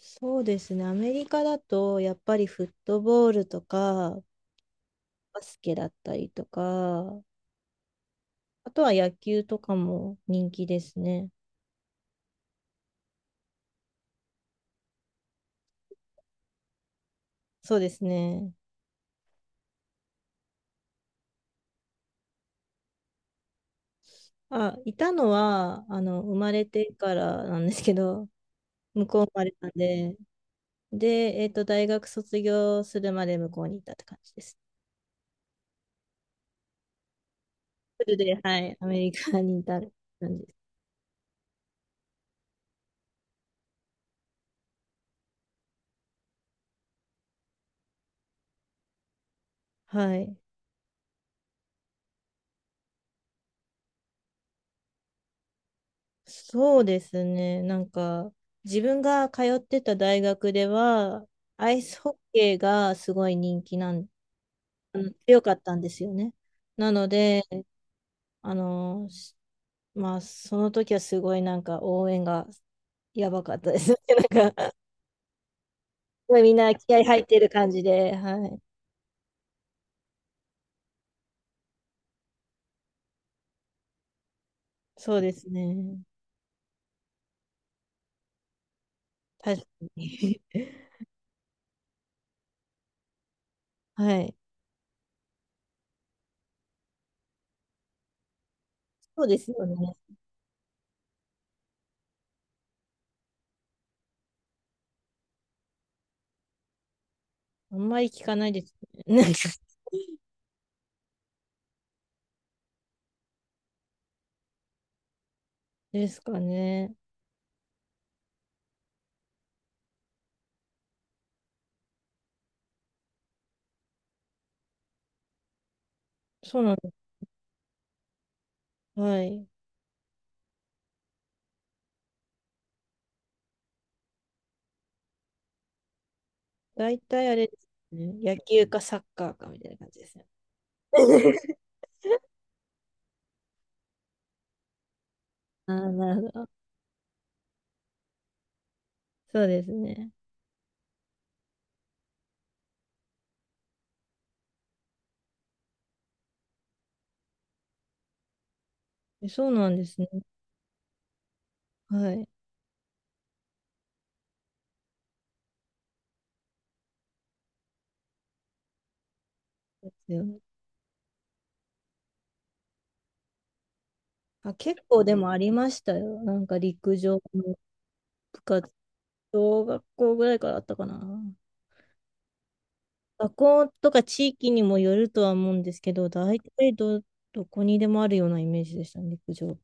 そうですね。アメリカだと、やっぱりフットボールとか、バスケだったりとか、あとは野球とかも人気ですね。そうですね。あ、いたのは、生まれてからなんですけど、向こう生まれたんで、で、大学卒業するまで向こうにいたって感じです。フルで、はい、アメリカにいた感じです。はい。そうですね。なんか、自分が通ってた大学では、アイスホッケーがすごい人気なん、あの強かったんですよね。なので、あの、しまあ、その時はすごいなんか応援がやばかったですね。なんか、すごいみんな気合入ってる感じで、はい。そうですね。確かに。はい。そうですよね。あんまり聞かないですね。ですかね。そうなんです。はい。大体あれですね。野球かサッカーかみたいな感じですね。ああ、なるほど。そうですね。えそうなんですね。はい。ですよね。あ、結構でもありましたよ。なんか陸上の部活、小学校ぐらいからあったかな。学校とか地域にもよるとは思うんですけど、大体ど、どこにでもあるようなイメージでしたね、陸上。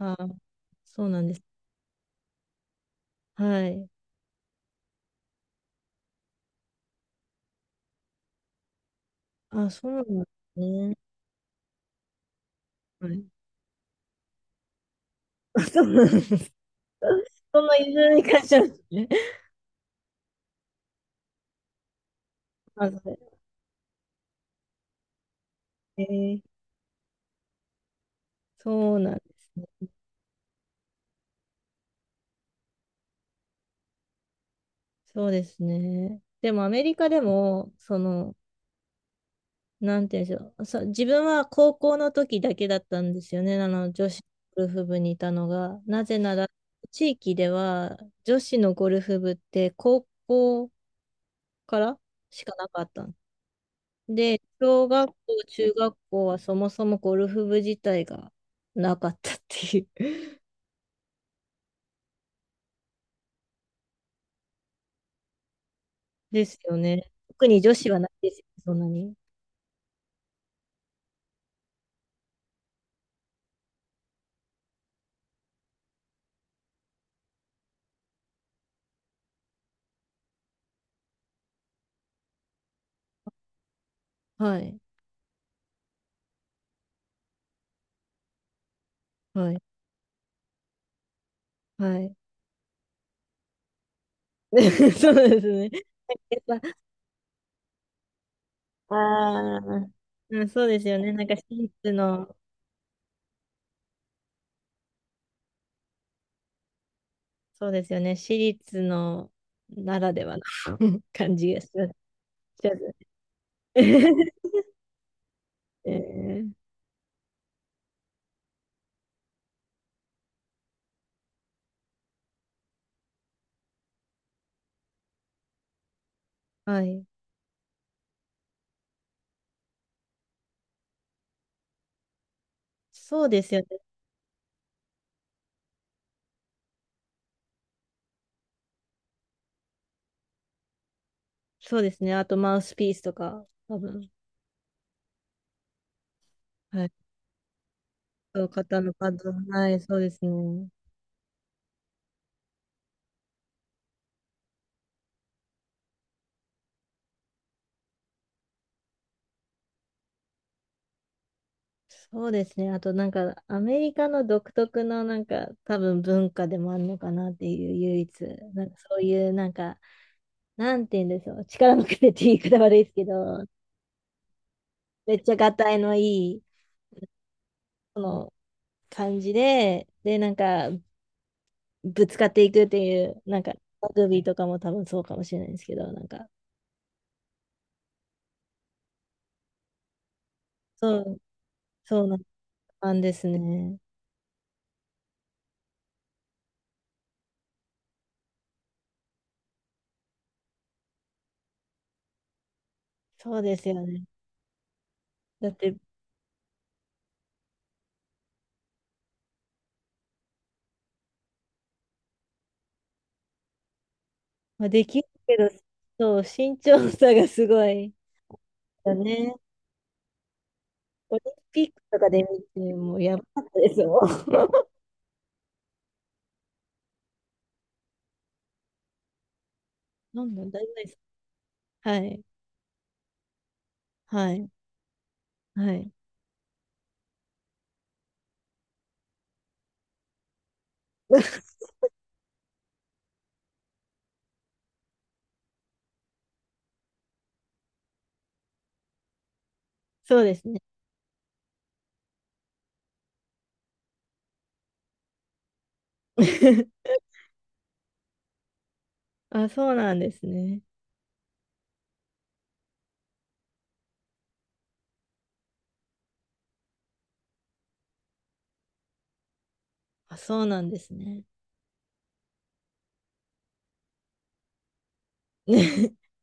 ああ、そうなんです。はい。あ、そうなんですね。はい。あそうなんです。そのいずれに関してはですね。まず、えーそうなんですね。そうですね。でもアメリカでも、その、なんて言うんでしょう。そう、自分は高校の時だけだったんですよね。あの、女子ゴルフ部にいたのが。なぜなら、地域では女子のゴルフ部って高校からしかなかったんで、小学校、中学校はそもそもゴルフ部自体がなかったっていうですよね。特に女子はないですよね、そんなに。はい。はい。はい。そうですね。やっぱ、ああ、うん、そうですよね。なんか私立の、そうですよね。私立のならではの 感じがしますしますね。えーはい。そうですよね。そうですね。あとマウスピースとか、多分。はい。そう、肩のパッド。はい、そうですね。そうですね。あとなんかアメリカの独特のなんか多分文化でもあるのかなっていう唯一、なんかそういうなんか、なんて言うんでしょう。力のくれって言い方悪いですけど、めっちゃがたいのいい、その感じで、でなんかぶつかっていくっていう、なんかラグビーとかも多分そうかもしれないですけど、なんか、そう、そうな感じですね。そうですよね。だって、まあ、できるけど、そう、身長差がすごいよね。オリンピックとかで見て、もうやばかったですよ。どんだ、大丈夫です。はい、はい、はい。そうですね。あ、そうなんですね。あ、そうなんですね。ね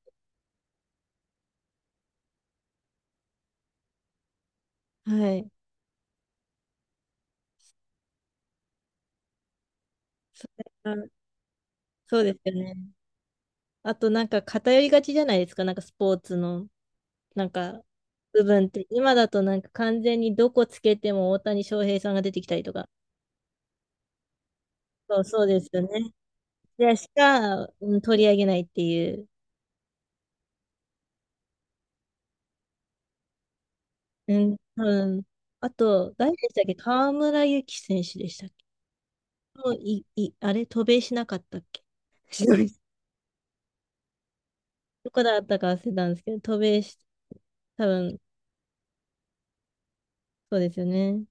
はい。それがそうですよね。あと、なんか偏りがちじゃないですか、なんかスポーツの、なんか部分って。今だとなんか完全にどこつけても大谷翔平さんが出てきたりとか。そう、そうですよね。で、しか、うん取り上げないっていう。うん、うん。あと、誰でしたっけ河村勇輝選手でしたっけもうい、い、あれ、渡米しなかったっけしないどこだったか忘れたんですけど、渡米し、多分、そうですよね。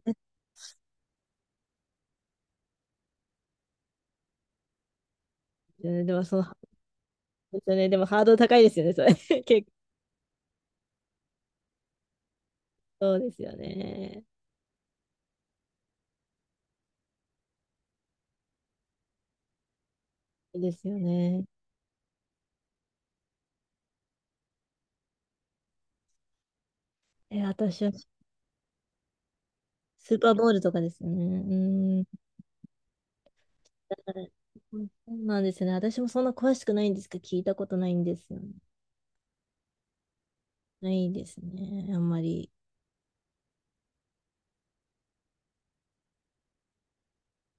ですよねでも、その、うですよね。でも、ハードル高いですよね、それ。結構、ですよね。そうですよね。え、私は、スーパーボールとかですよね。うん。そうなんですよね。私もそんな詳しくないんですけど、聞いたことないんですよね。ないですね。あんまり。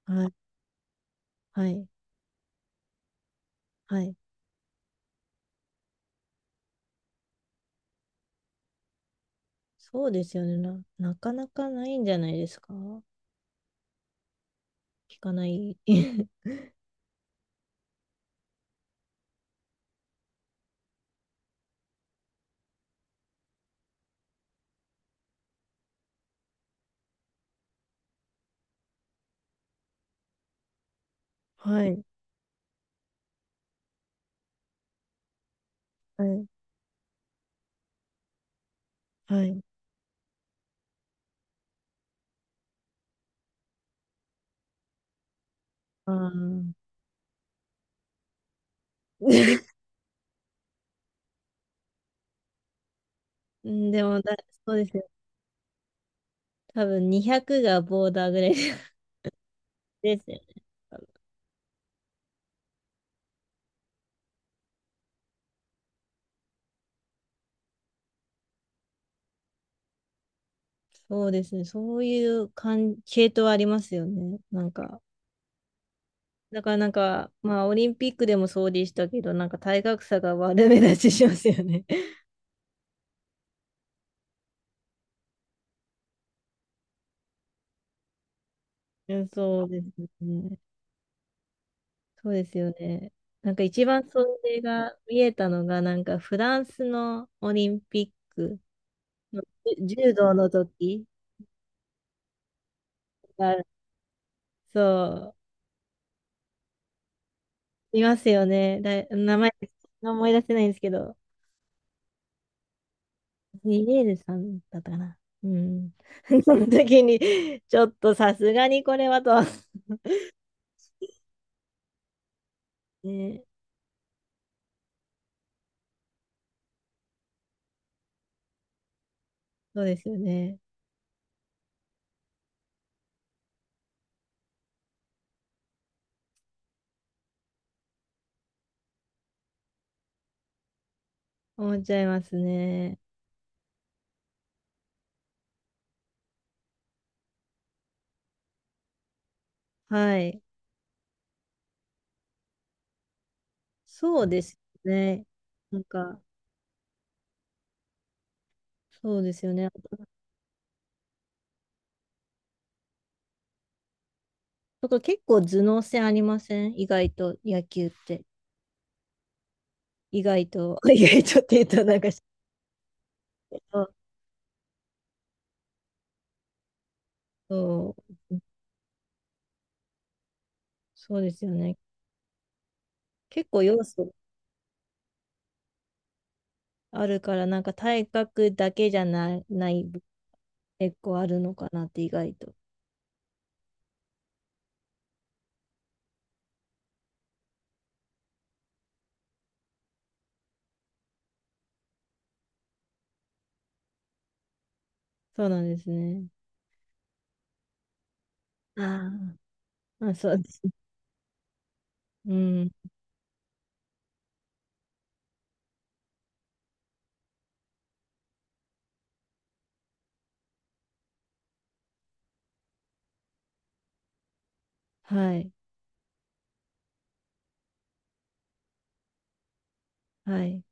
はい。はい。はい。そうですよね。なかなかないんじゃないですか聞かない。はい、はい、はい。あー うんでもだ、そうですよ。多分200がボーダーぐらい ですよね。多分そうですね。そういう感、系統ありますよね。なんか、だからなんか、まあ、オリンピックでもそうでしたけど、なんか体格差が悪目立ちしますよね。うんそうですね。そうですよね。なんか一番それが見えたのが、なんかフランスのオリンピックの柔道の時が、そう、いますよね。だ、名前、思い出せないんですけど、ニエルさんだったかな。うん。その時に、ちょっとさすがにこれはと。ね、そうですよね。思っちゃいますね。はい。そうですね。なんか、そうですよね。だから結構頭脳戦ありません意外と野球って。意外と、意外とって言うとなんかし、あそう、そうですよね。結構要素あるから、なんか体格だけじゃない、ない結構あるのかなって意外と。そうなんですね。ああ、あ、そうです。うん。はい。はい。